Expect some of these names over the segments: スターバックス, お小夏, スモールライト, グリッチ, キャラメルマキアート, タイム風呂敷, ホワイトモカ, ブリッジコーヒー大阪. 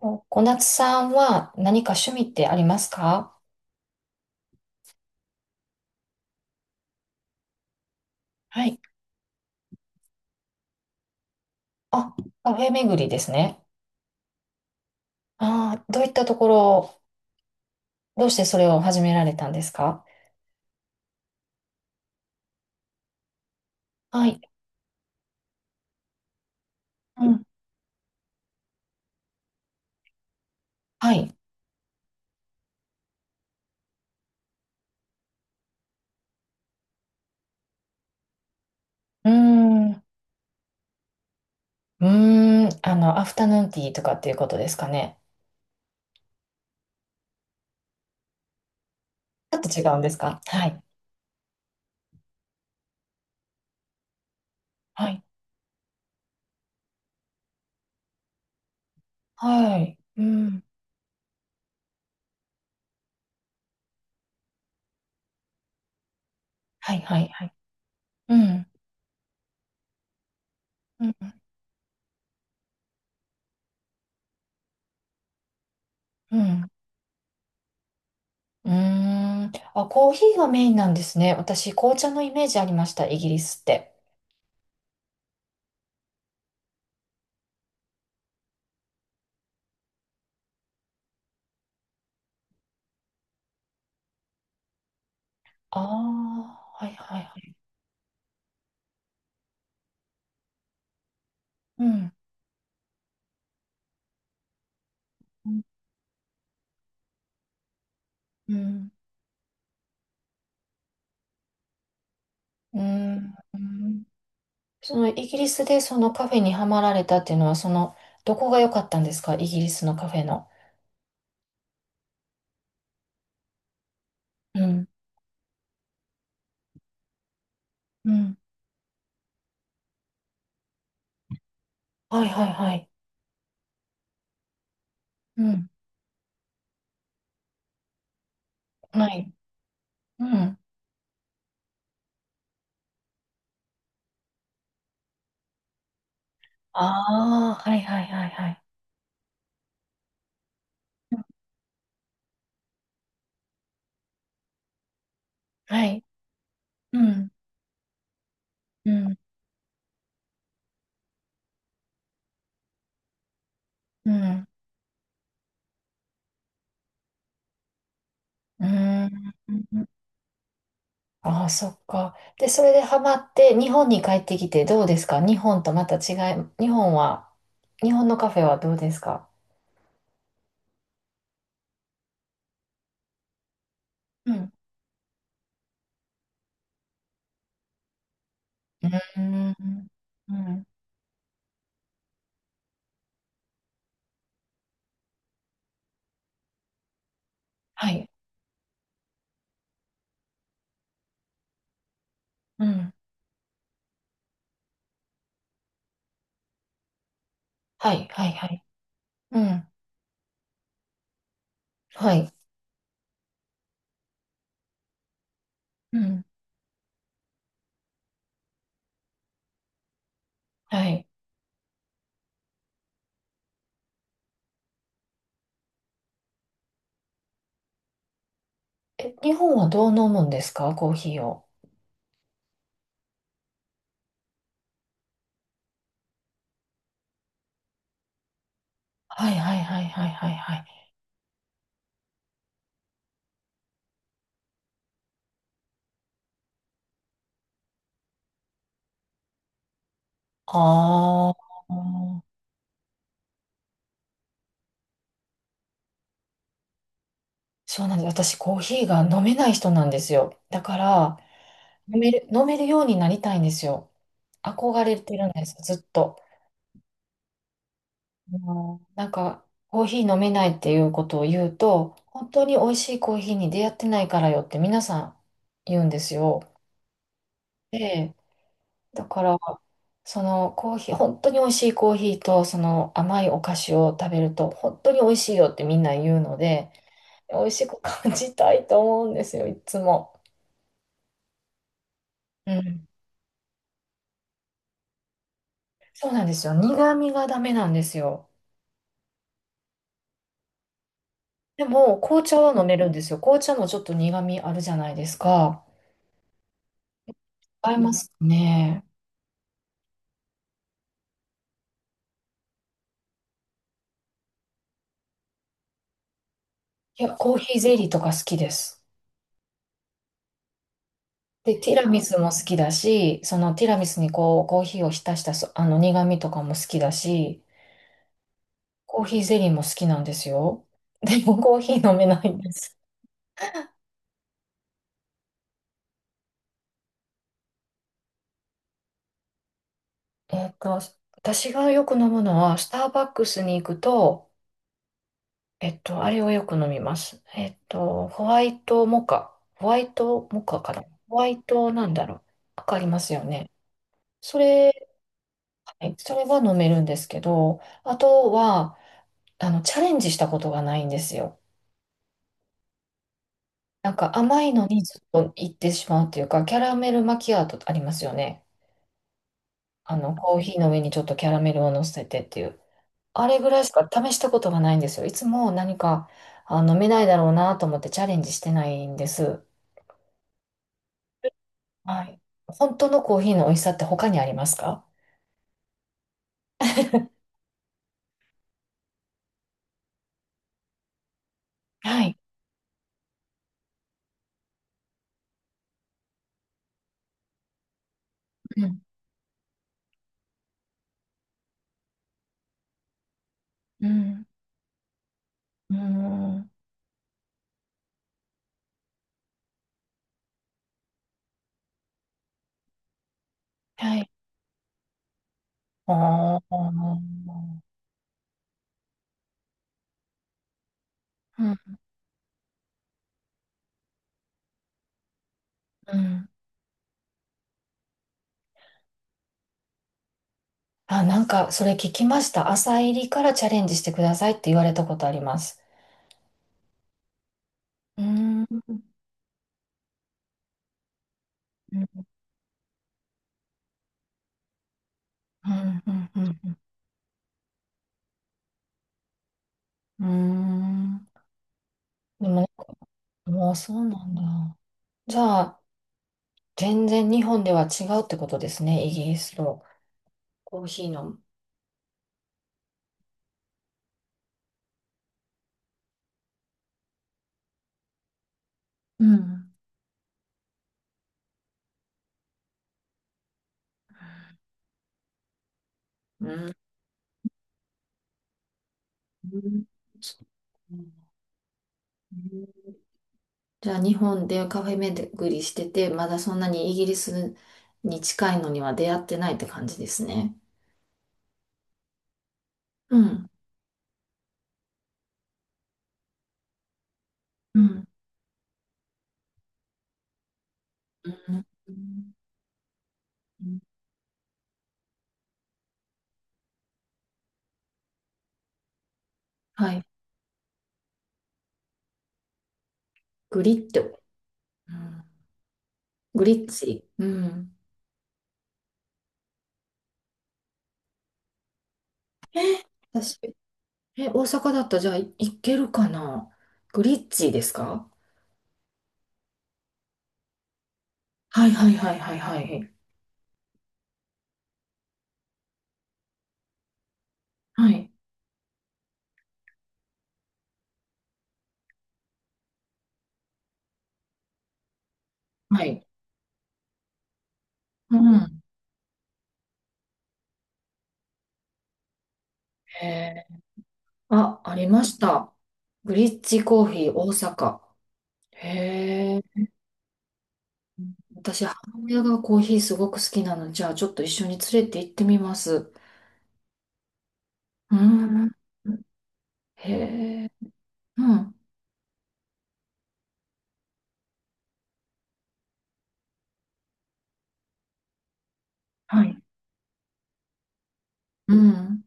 お小夏さんは何か趣味ってありますか？はい。あ、カフェ巡りですね。ああ、どういったところ、どうしてそれを始められたんですか？はい。うん。はい。うーん。うーん。あの、アフタヌーンティーとかっていうことですかね。ちょっと違うんですか？はい。はい。はい。うん。はい、はい、はい。うん。うん。うん。うーん。あ、コーヒーがメインなんですね。私、紅茶のイメージありました、イギリスって。ああ、はい、はい、はい。うん。うん。うん。うん。そのイギリスでそのカフェにはまられたっていうのは、その、どこが良かったんですか、イギリスのカフェの。うん。うん。はいはいはい。うん。はい。うん。ああ、はいはいはいはい。はい。うん。うん。うん。うん。ああ、そっか。で、それでハマって、日本に帰ってきてどうですか、日本とまた違い、日本は、日本のカフェはどうですか？うん。うん。うん。はい。うん。はい、はい、はい。うん。はい。うん。はい。え、日本はどう飲むんですか、コーヒーを。はい、はい、はい、はい、はい、はい。ああ、そうなんです。私、コーヒーが飲めない人なんですよ。だから、飲めるようになりたいんですよ。憧れてるんです、ずっと。もうなんか、コーヒー飲めないっていうことを言うと、本当に美味しいコーヒーに出会ってないからよって皆さん言うんですよ。で、だから、そのコーヒー、本当に美味しいコーヒーと、その甘いお菓子を食べると、本当に美味しいよってみんな言うので、美味しく感じたいと思うんですよ、いつも。うん。そうなんですよ。苦味がダメなんですよ。でも、紅茶は飲めるんですよ。紅茶もちょっと苦味あるじゃないですか。合いますかね。いや、コーヒーゼリーとか好きです。で、ティラミスも好きだし、そのティラミスにこう、コーヒーを浸したそ、あの苦味とかも好きだし、コーヒーゼリーも好きなんですよ。でもコーヒー飲めないんです。えっと、私がよく飲むのは、スターバックスに行くと、あれをよく飲みます。ホワイトモカ。ホワイトモカかな。ホワイトなんだろう。わかりますよね。それ、はい、それは飲めるんですけど、あとは、あの、チャレンジしたことがないんですよ。なんか甘いのにずっと行ってしまうっていうか、キャラメルマキアートありますよね。あの、コーヒーの上にちょっとキャラメルを乗せてっていう。あれぐらいしか試したことがないんですよ。いつも何か、あ、飲めないだろうなと思ってチャレンジしてないんです。はい。本当のコーヒーの美味しさって他にありますか？はい。うん。うん。うん。はい。ああ。うん。うん。あ、なんか、それ聞きました。朝入りからチャレンジしてくださいって言われたことあります。うーん。うん。うん。うん。うん。うん。うん。でもね、もうそうなんだ。じゃあ、全然日本では違うってことですね、イギリスとコーヒーの。うん。うん。うん。じゃあ、日本でカフェ巡りしてて、まだそんなにイギリスに近いのには出会ってないって感じですね。うん。うん。うん。うん。はい。グリッド。うん。グリッチ。うん。私、え、大阪だったらじゃあい、行けるかな、グリッチですか？はいはいはいはいはい。はい。はい。うん。へー。あ、ありました。ブリッジコーヒー大阪。へえ。私、母親がコーヒーすごく好きなので、じゃあちょっと一緒に連れて行ってみます。うん。へえ。うん。はい。うん。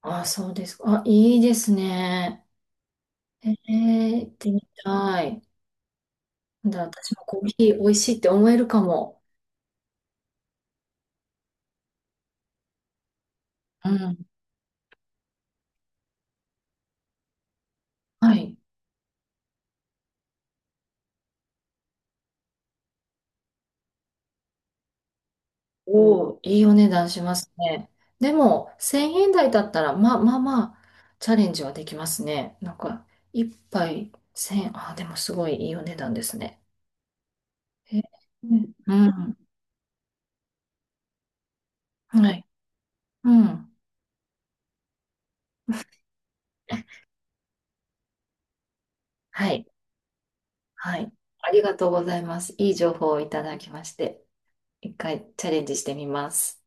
あ、そうですか。あ、いいですね。へえ、行ってみたい。なんだ、私もコーヒー美味しいって思えるかも。うん。はい。おお、いいお値段しますね。でも、1000円台だったら、まあまあまあ、チャレンジはできますね。なんか、一杯1000円、ああ、でもすごいいいお値段ですね。え、うん、はい、うん、はい、はい。ありがとうございます。いい情報をいただきまして、一回チャレンジしてみます。